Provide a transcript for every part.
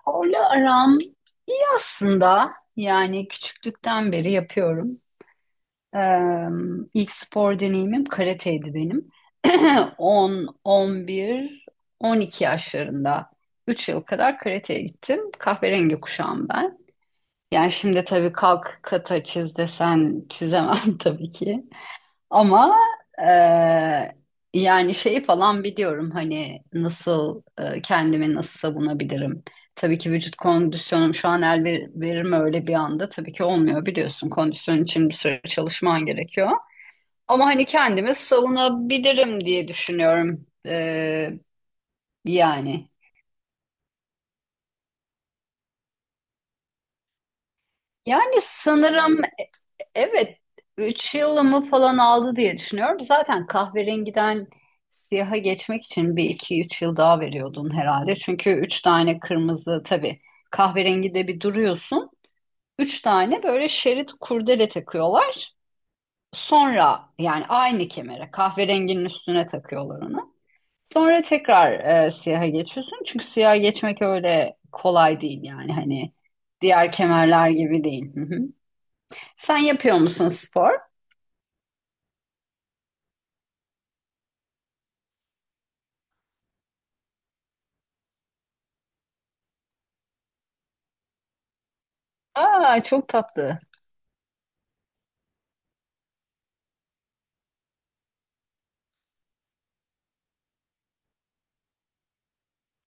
Sporla aram iyi aslında. Yani küçüklükten beri yapıyorum. Eee ilk spor deneyimim karateydi benim. 10, 11, 12 yaşlarında 3 yıl kadar karateye gittim. Kahverengi kuşağım ben. Yani şimdi tabii kalk kata çiz desen çizemem tabii ki. Ama eee, yani şeyi falan biliyorum, hani nasıl kendimi nasıl savunabilirim. Tabii ki vücut kondisyonum şu an verir mi öyle bir anda? Tabii ki olmuyor, biliyorsun. Kondisyon için bir süre çalışman gerekiyor. Ama hani kendimi savunabilirim diye düşünüyorum. Yani. Yani sanırım, evet, 3 yılımı falan aldı diye düşünüyorum. Zaten kahverengiden siyaha geçmek için bir iki üç yıl daha veriyordun herhalde. Çünkü üç tane kırmızı, tabii kahverengide bir duruyorsun. Üç tane böyle şerit kurdele takıyorlar. Sonra yani aynı kemere kahverenginin üstüne takıyorlar onu. Sonra tekrar siyaha geçiyorsun. Çünkü siyaha geçmek öyle kolay değil, yani hani diğer kemerler gibi değil. Hı hı. Sen yapıyor musun spor? Aa, çok tatlı.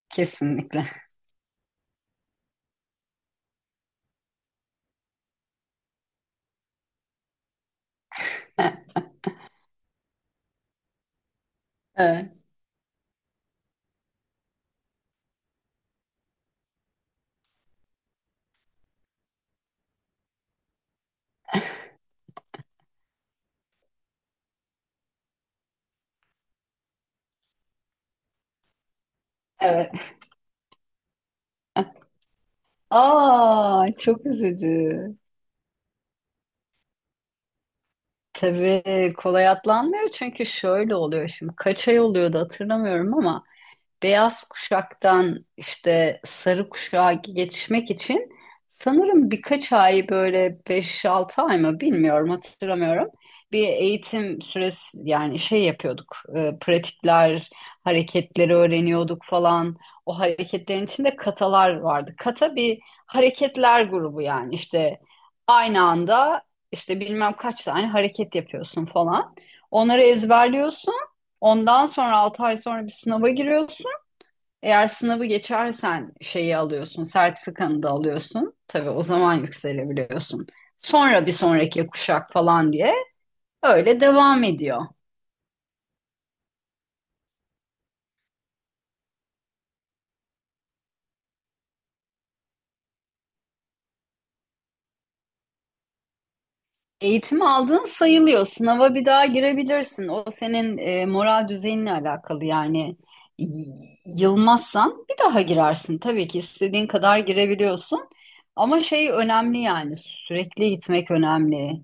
Kesinlikle. Evet. Evet. Aa, çok üzücü. Tabii kolay atlanmıyor, çünkü şöyle oluyor şimdi. Kaç ay oluyordu hatırlamıyorum, ama beyaz kuşaktan işte sarı kuşağa geçmek için sanırım birkaç ay, böyle beş altı ay mı bilmiyorum, hatırlamıyorum. Bir eğitim süresi, yani şey yapıyorduk, pratikler, hareketleri öğreniyorduk falan. O hareketlerin içinde katalar vardı. Kata bir hareketler grubu, yani işte aynı anda işte bilmem kaç tane hareket yapıyorsun falan. Onları ezberliyorsun. Ondan sonra 6 ay sonra bir sınava giriyorsun. Eğer sınavı geçersen şeyi alıyorsun, sertifikanı da alıyorsun. Tabii o zaman yükselebiliyorsun. Sonra bir sonraki kuşak falan diye öyle devam ediyor. Eğitim aldığın sayılıyor. Sınava bir daha girebilirsin. O senin moral düzeyinle alakalı yani. Y- Yılmazsan bir daha girersin. Tabii ki istediğin kadar girebiliyorsun. Ama şey önemli, yani sürekli gitmek önemli.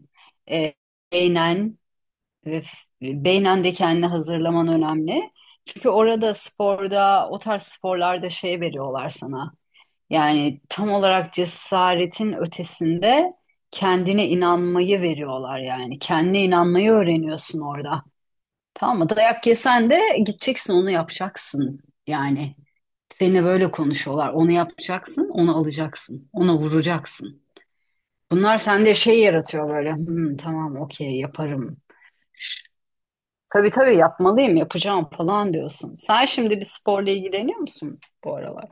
E, eğlen, Ve beynen de kendini hazırlaman önemli. Çünkü orada sporda, o tarz sporlarda şey veriyorlar sana. Yani tam olarak cesaretin ötesinde kendine inanmayı veriyorlar yani. Kendine inanmayı öğreniyorsun orada. Tamam mı? Dayak yesen de gideceksin, onu yapacaksın. Yani seninle böyle konuşuyorlar. Onu yapacaksın, onu alacaksın, ona vuracaksın. Bunlar sende şey yaratıyor böyle. "Hmm, tamam, okey, yaparım." Tabii tabii, yapmalıyım, yapacağım falan diyorsun. Sen şimdi bir sporla ilgileniyor musun bu aralar?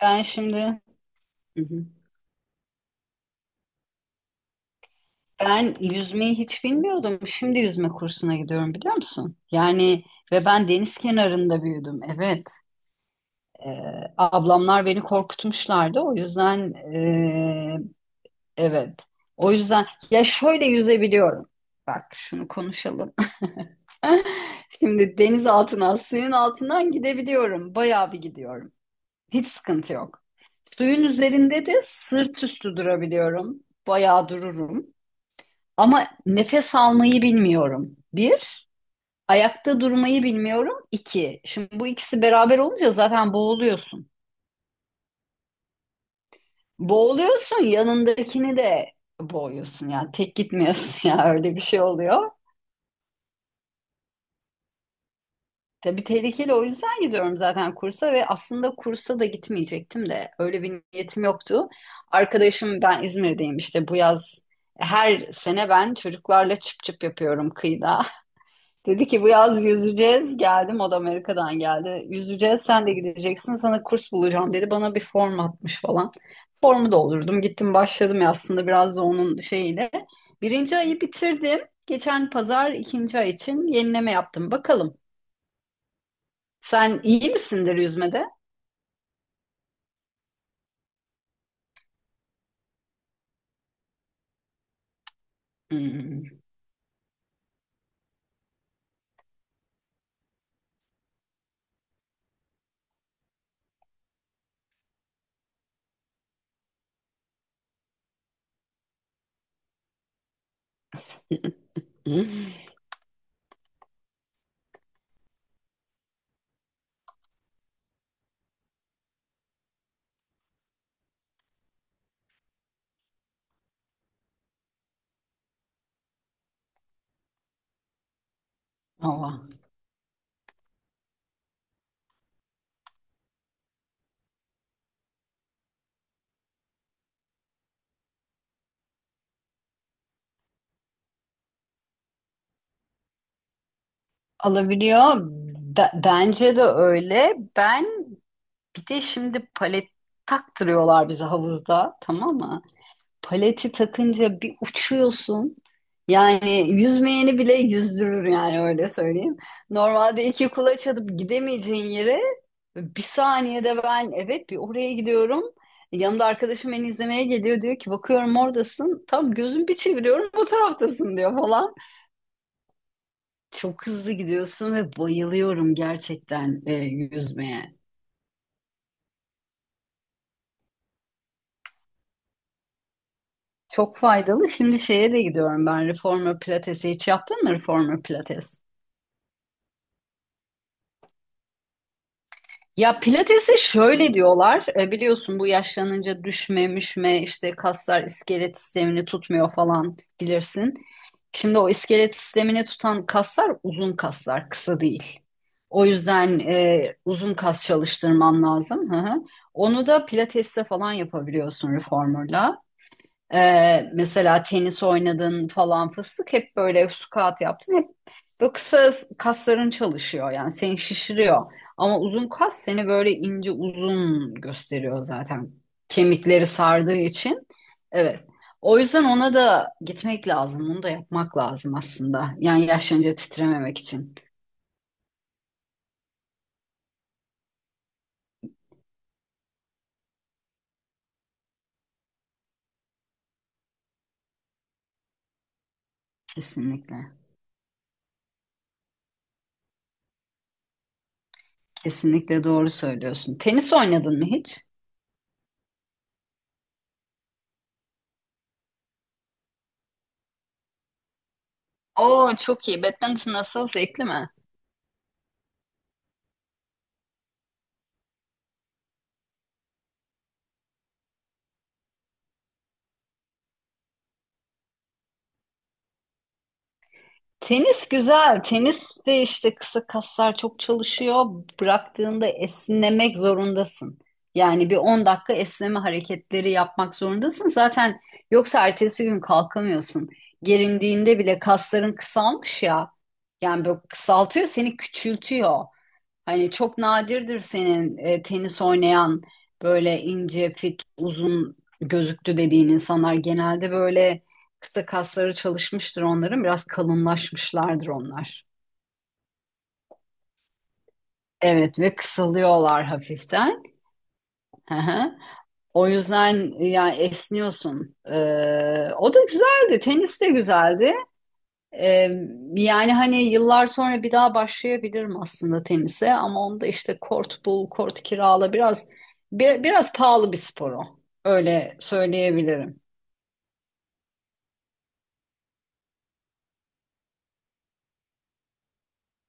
Ben şimdi. Hı hı. Ben yüzmeyi hiç bilmiyordum. Şimdi yüzme kursuna gidiyorum, biliyor musun? Yani ve ben deniz kenarında büyüdüm. Evet. Ablamlar beni korkutmuşlardı. O yüzden evet. O yüzden ya şöyle yüzebiliyorum. Bak şunu konuşalım. Şimdi deniz altına, suyun altından gidebiliyorum. Bayağı bir gidiyorum. Hiç sıkıntı yok. Suyun üzerinde de sırt üstü durabiliyorum. Bayağı dururum. Ama nefes almayı bilmiyorum. Bir, ayakta durmayı bilmiyorum. İki, şimdi bu ikisi beraber olunca zaten boğuluyorsun. Boğuluyorsun, yanındakini de boğuyorsun. Yani tek gitmiyorsun, ya öyle bir şey oluyor. Tabii tehlikeli, o yüzden gidiyorum zaten kursa. Ve aslında kursa da gitmeyecektim, de öyle bir niyetim yoktu. Arkadaşım, ben İzmir'deyim işte, bu yaz her sene ben çocuklarla çıp çıp yapıyorum kıyıda. Dedi ki bu yaz yüzeceğiz. Geldim, o da Amerika'dan geldi. Yüzeceğiz, sen de gideceksin, sana kurs bulacağım dedi. Bana bir form atmış falan. Formu doldurdum, gittim, başladım ya aslında biraz da onun şeyiyle. Birinci ayı bitirdim. Geçen pazar ikinci ay için yenileme yaptım. Bakalım. Sen iyi misindir yüzmede? Hmm. Hmm. Valla. Alabiliyor. Bence de öyle. Ben bir de şimdi palet taktırıyorlar bize havuzda. Tamam mı? Paleti takınca bir uçuyorsun. Yani yüzmeyeni bile yüzdürür, yani öyle söyleyeyim. Normalde iki kulaç atıp gidemeyeceğin yere bir saniyede, ben evet, bir oraya gidiyorum. Yanımda arkadaşım beni izlemeye geliyor, diyor ki bakıyorum oradasın. Tam gözüm bir çeviriyorum o taraftasın, diyor falan. Çok hızlı gidiyorsun ve bayılıyorum gerçekten yüzmeye. Çok faydalı. Şimdi şeye de gidiyorum ben, reformer pilatesi hiç yaptın mı, reformer pilates? Ya pilatese şöyle diyorlar. Biliyorsun, bu yaşlanınca düşme, müşme, işte kaslar iskelet sistemini tutmuyor falan, bilirsin. Şimdi o iskelet sistemini tutan kaslar uzun kaslar, kısa değil. O yüzden uzun kas çalıştırman lazım. Hı hı. Onu da pilatesle falan yapabiliyorsun, reformerla. Mesela tenis oynadın falan fıstık, hep böyle squat yaptın, hep böyle kısa kasların çalışıyor, yani seni şişiriyor. Ama uzun kas seni böyle ince uzun gösteriyor zaten, kemikleri sardığı için. Evet, o yüzden ona da gitmek lazım, onu da yapmak lazım aslında, yani yaşlanınca titrememek için. Kesinlikle, kesinlikle doğru söylüyorsun. Tenis oynadın mı hiç? Oo, çok iyi. Badminton nasıl? Zevkli mi? Tenis güzel. Tenis de işte kısa kaslar çok çalışıyor. Bıraktığında esnemek zorundasın. Yani bir 10 dakika esneme hareketleri yapmak zorundasın. Zaten yoksa ertesi gün kalkamıyorsun. Gerindiğinde bile kasların kısalmış ya. Yani böyle kısaltıyor, seni küçültüyor. Hani çok nadirdir senin tenis oynayan böyle ince, fit, uzun gözüktü dediğin insanlar. Genelde böyle kısa kasları çalışmıştır onların. Biraz kalınlaşmışlardır onlar. Evet ve kısalıyorlar hafiften. Hı hı. O yüzden yani esniyorsun. O da güzeldi. Tenis de güzeldi. Ee, Yani hani yıllar sonra bir daha başlayabilirim aslında tenise, ama onda işte kort bul, kort kirala, biraz biraz pahalı bir spor o. Öyle söyleyebilirim.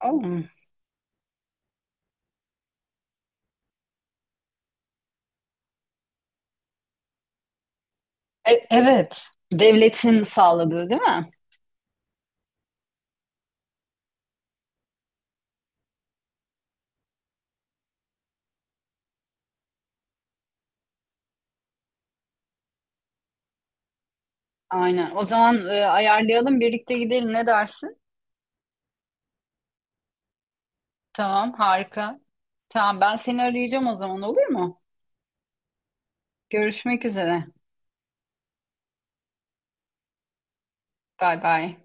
Ama- evet. Devletin sağladığı değil mi? Aynen. O zaman ayarlayalım, birlikte gidelim. Ne dersin? Tamam, harika. Tamam, ben seni arayacağım o zaman, olur mu? Görüşmek üzere. Bay bay.